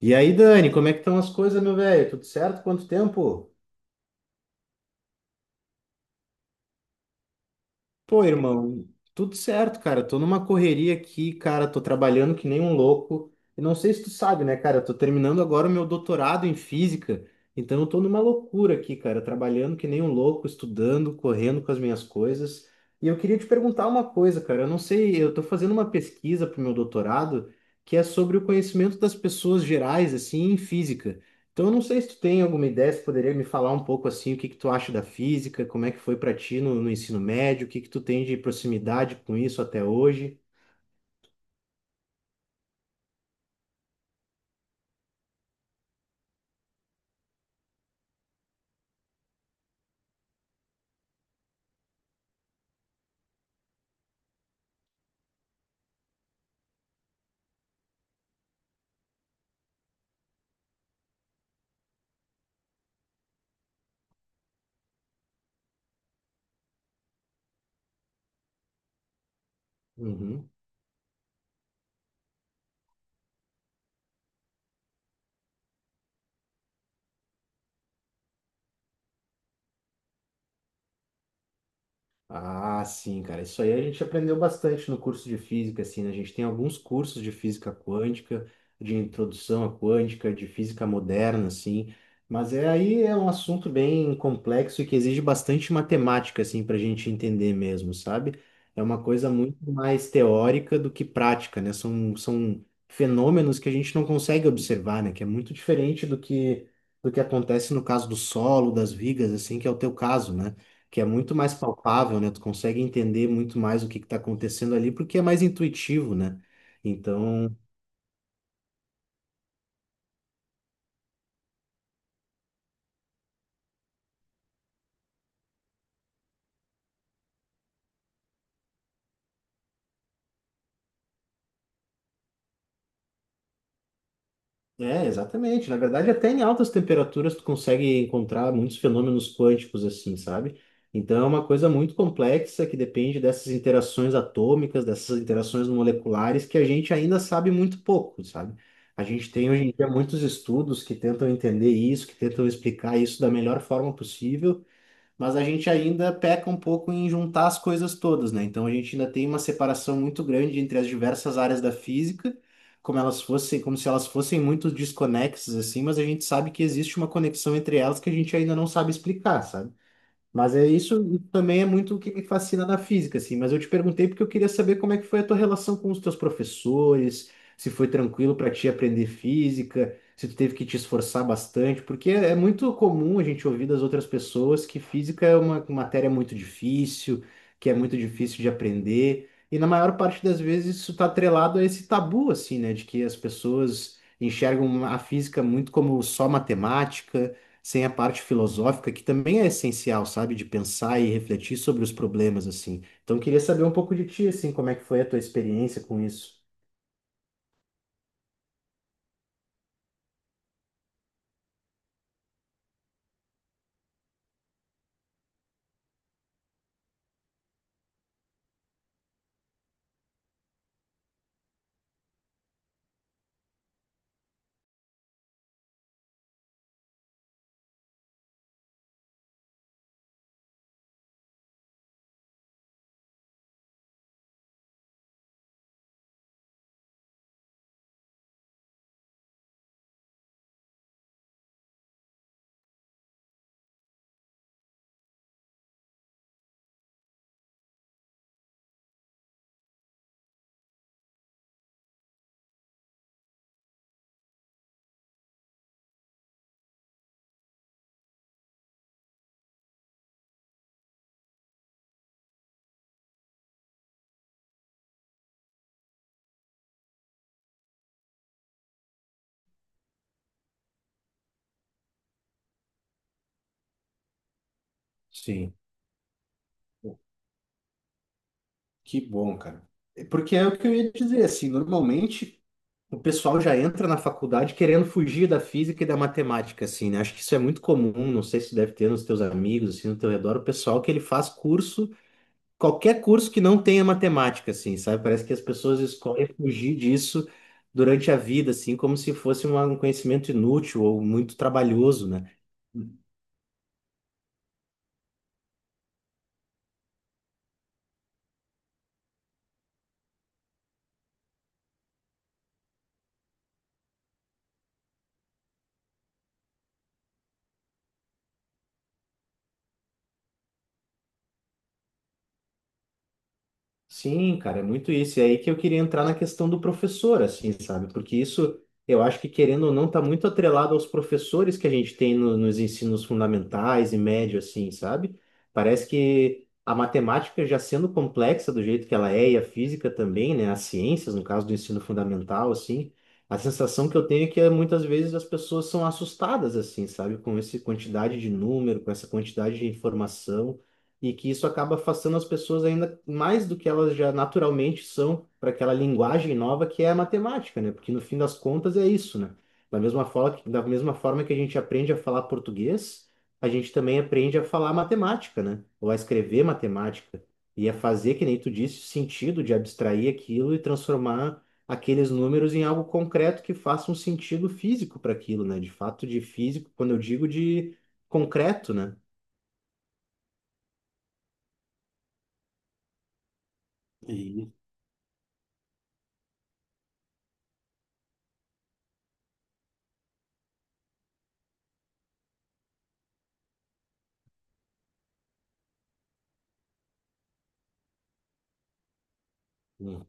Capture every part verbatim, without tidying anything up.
E aí, Dani, como é que estão as coisas, meu velho? Tudo certo? Quanto tempo? Pô, irmão, tudo certo, cara. Tô numa correria aqui, cara. Tô trabalhando que nem um louco. E não sei se tu sabe, né, cara? Eu tô terminando agora o meu doutorado em física. Então eu tô numa loucura aqui, cara. Trabalhando que nem um louco, estudando, correndo com as minhas coisas. E eu queria te perguntar uma coisa, cara. Eu não sei, eu tô fazendo uma pesquisa pro meu doutorado que é sobre o conhecimento das pessoas gerais, assim, em física. Então, eu não sei se tu tem alguma ideia, se poderia me falar um pouco assim, o que que tu acha da física, como é que foi para ti no, no ensino médio, o que que tu tem de proximidade com isso até hoje? Uhum. Ah, sim, cara. Isso aí a gente aprendeu bastante no curso de física, assim, né? A gente tem alguns cursos de física quântica, de introdução à quântica, de física moderna, assim. Mas é aí é um assunto bem complexo e que exige bastante matemática, assim, para a gente entender mesmo, sabe? É uma coisa muito mais teórica do que prática, né? São, são fenômenos que a gente não consegue observar, né? Que é muito diferente do que, do que acontece no caso do solo, das vigas, assim, que é o teu caso, né? Que é muito mais palpável, né? Tu consegue entender muito mais o que está acontecendo ali, porque é mais intuitivo, né? Então, é, exatamente. Na verdade, até em altas temperaturas tu consegue encontrar muitos fenômenos quânticos, assim, sabe? Então, é uma coisa muito complexa que depende dessas interações atômicas, dessas interações moleculares, que a gente ainda sabe muito pouco, sabe? A gente tem hoje em dia muitos estudos que tentam entender isso, que tentam explicar isso da melhor forma possível, mas a gente ainda peca um pouco em juntar as coisas todas, né? Então a gente ainda tem uma separação muito grande entre as diversas áreas da física, como elas fossem, como se elas fossem muito desconexas assim, mas a gente sabe que existe uma conexão entre elas que a gente ainda não sabe explicar, sabe? Mas é isso também é muito o que me fascina na física, assim. Mas eu te perguntei porque eu queria saber como é que foi a tua relação com os teus professores, se foi tranquilo para ti aprender física, se tu teve que te esforçar bastante, porque é, é muito comum a gente ouvir das outras pessoas que física é uma matéria muito difícil, que é muito difícil de aprender. E na maior parte das vezes isso está atrelado a esse tabu, assim, né, de que as pessoas enxergam a física muito como só matemática sem a parte filosófica, que também é essencial, sabe? De pensar e refletir sobre os problemas, assim. Então, eu queria saber um pouco de ti, assim, como é que foi a tua experiência com isso? Sim. Pô, que bom, cara. É, porque é o que eu ia dizer, assim, normalmente o pessoal já entra na faculdade querendo fugir da física e da matemática, assim, né? Acho que isso é muito comum, não sei se deve ter nos teus amigos, assim, no teu redor, o pessoal que ele faz curso qualquer curso que não tenha matemática, assim, sabe? Parece que as pessoas escolhem fugir disso durante a vida, assim, como se fosse uma- um conhecimento inútil ou muito trabalhoso, né? Sim, cara, é muito isso. E aí que eu queria entrar na questão do professor, assim, sabe? Porque isso, eu acho que querendo ou não, tá muito atrelado aos professores que a gente tem no- nos ensinos fundamentais e médio, assim, sabe? Parece que a matemática já sendo complexa do jeito que ela é, e a física também, né? As ciências, no caso do ensino fundamental, assim, a sensação que eu tenho é que muitas vezes as pessoas são assustadas, assim, sabe? Com essa quantidade de número, com essa quantidade de informação e que isso acaba afastando as pessoas ainda mais do que elas já naturalmente são para aquela linguagem nova que é a matemática, né? Porque no fim das contas é isso, né? Da mesma forma, que- da mesma forma que a gente aprende a falar português, a gente também aprende a falar matemática, né? Ou a escrever matemática e a fazer, que nem tu disse, sentido de abstrair aquilo e transformar aqueles números em algo concreto que faça um sentido físico para aquilo, né? De fato, de físico, quando eu digo de concreto, né? E hum.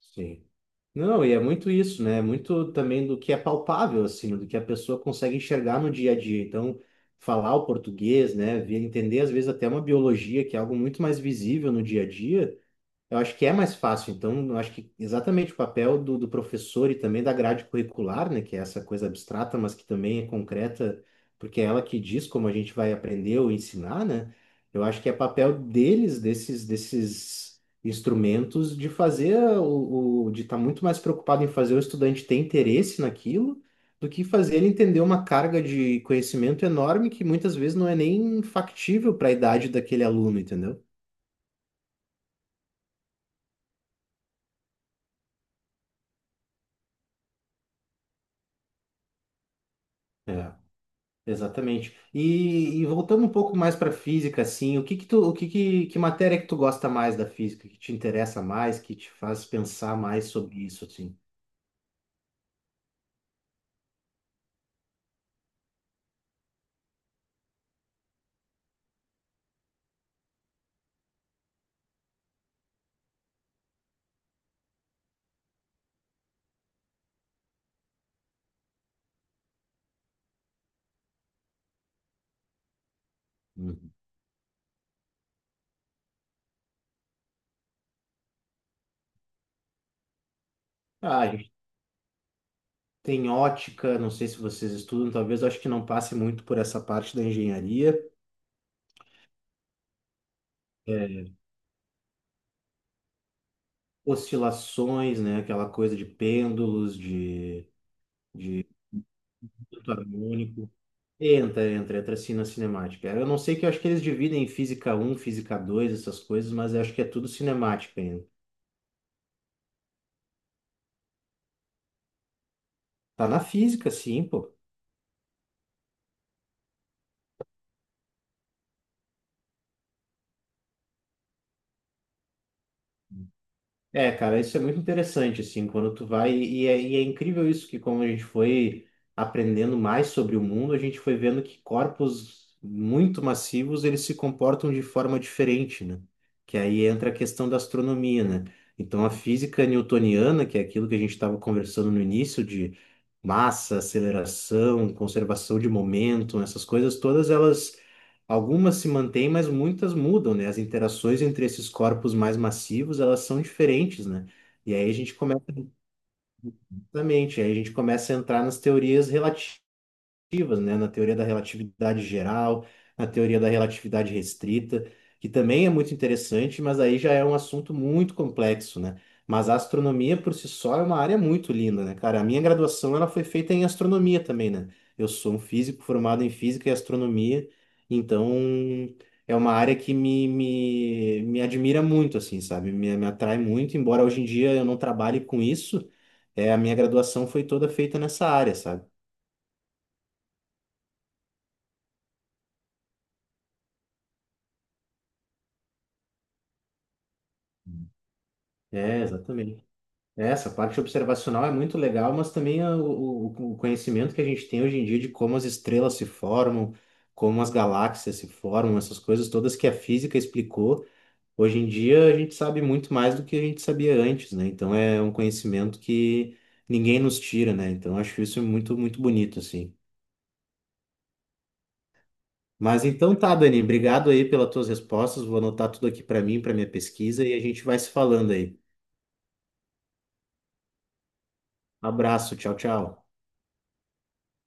Sim. Não, e é muito isso, né? É muito também do que é palpável, assim, do que a pessoa consegue enxergar no dia a dia. Então, falar o português, né? ver- Entender, às vezes, até uma biologia, que é algo muito mais visível no dia a dia, eu acho que é mais fácil, então, eu acho que exatamente o papel do, do professor e também da grade curricular, né, que é essa coisa abstrata, mas que também é concreta, porque é ela que diz como a gente vai aprender ou ensinar, né? Eu acho que é papel deles, desses, desses instrumentos, de fazer o, o- de estar muito mais preocupado em fazer o estudante ter interesse naquilo, do que fazer ele entender uma carga de conhecimento enorme que muitas vezes não é nem factível para a idade daquele aluno, entendeu? Exatamente. E, e voltando um pouco mais para física, assim, o que que tu, o que que, que matéria que tu gosta mais da física, que te interessa mais, que te faz pensar mais sobre isso, assim? Uhum. Ah, a gente tem ótica, não sei se vocês estudam, talvez eu acho que não passe muito por essa parte da engenharia. É, oscilações, né? Aquela coisa de pêndulos, de, de duto harmônico. Entra, entra, entra assim na cinemática. Eu não sei que eu acho que eles dividem em física um física dois essas coisas, mas eu acho que é tudo cinemática ainda. Tá na física, sim, pô. É, cara, isso é muito interessante, assim, quando tu vai. E é, e é incrível isso, que como a gente foi aprendendo mais sobre o mundo, a gente foi vendo que corpos muito massivos, eles se comportam de forma diferente, né? Que aí entra a questão da astronomia, né? Então, a física newtoniana, que é aquilo que a gente estava conversando no início, de massa, aceleração, conservação de momento, essas coisas todas, elas algumas se mantêm, mas muitas mudam, né? As interações entre esses corpos mais massivos, elas são diferentes, né? E aí a gente começa, exatamente, aí a gente começa a entrar nas teorias relativas relativas, né? Na teoria da relatividade geral, na teoria da relatividade restrita, que também é muito interessante, mas aí já é um assunto muito complexo, né? Mas a astronomia por si só é uma área muito linda, né, cara? A minha graduação ela foi feita em astronomia também, né? Eu sou um físico formado em física e astronomia, então é uma área que me, me, me admira muito, assim, sabe? Me, me atrai muito, embora hoje em dia eu não trabalhe com isso, é, a minha graduação foi toda feita nessa área, sabe? É, exatamente. É, essa parte observacional é muito legal, mas também a- o, o- o conhecimento que a gente tem hoje em dia de como as estrelas se formam, como as galáxias se formam, essas coisas todas que a física explicou, hoje em dia a gente sabe muito mais do que a gente sabia antes, né? Então é um conhecimento que ninguém nos tira, né? Então acho isso muito, muito bonito, assim. Mas então tá, Dani, obrigado aí pelas tuas respostas, vou anotar tudo aqui para mim, para minha pesquisa e a gente vai se falando aí. Abraço, tchau, tchau.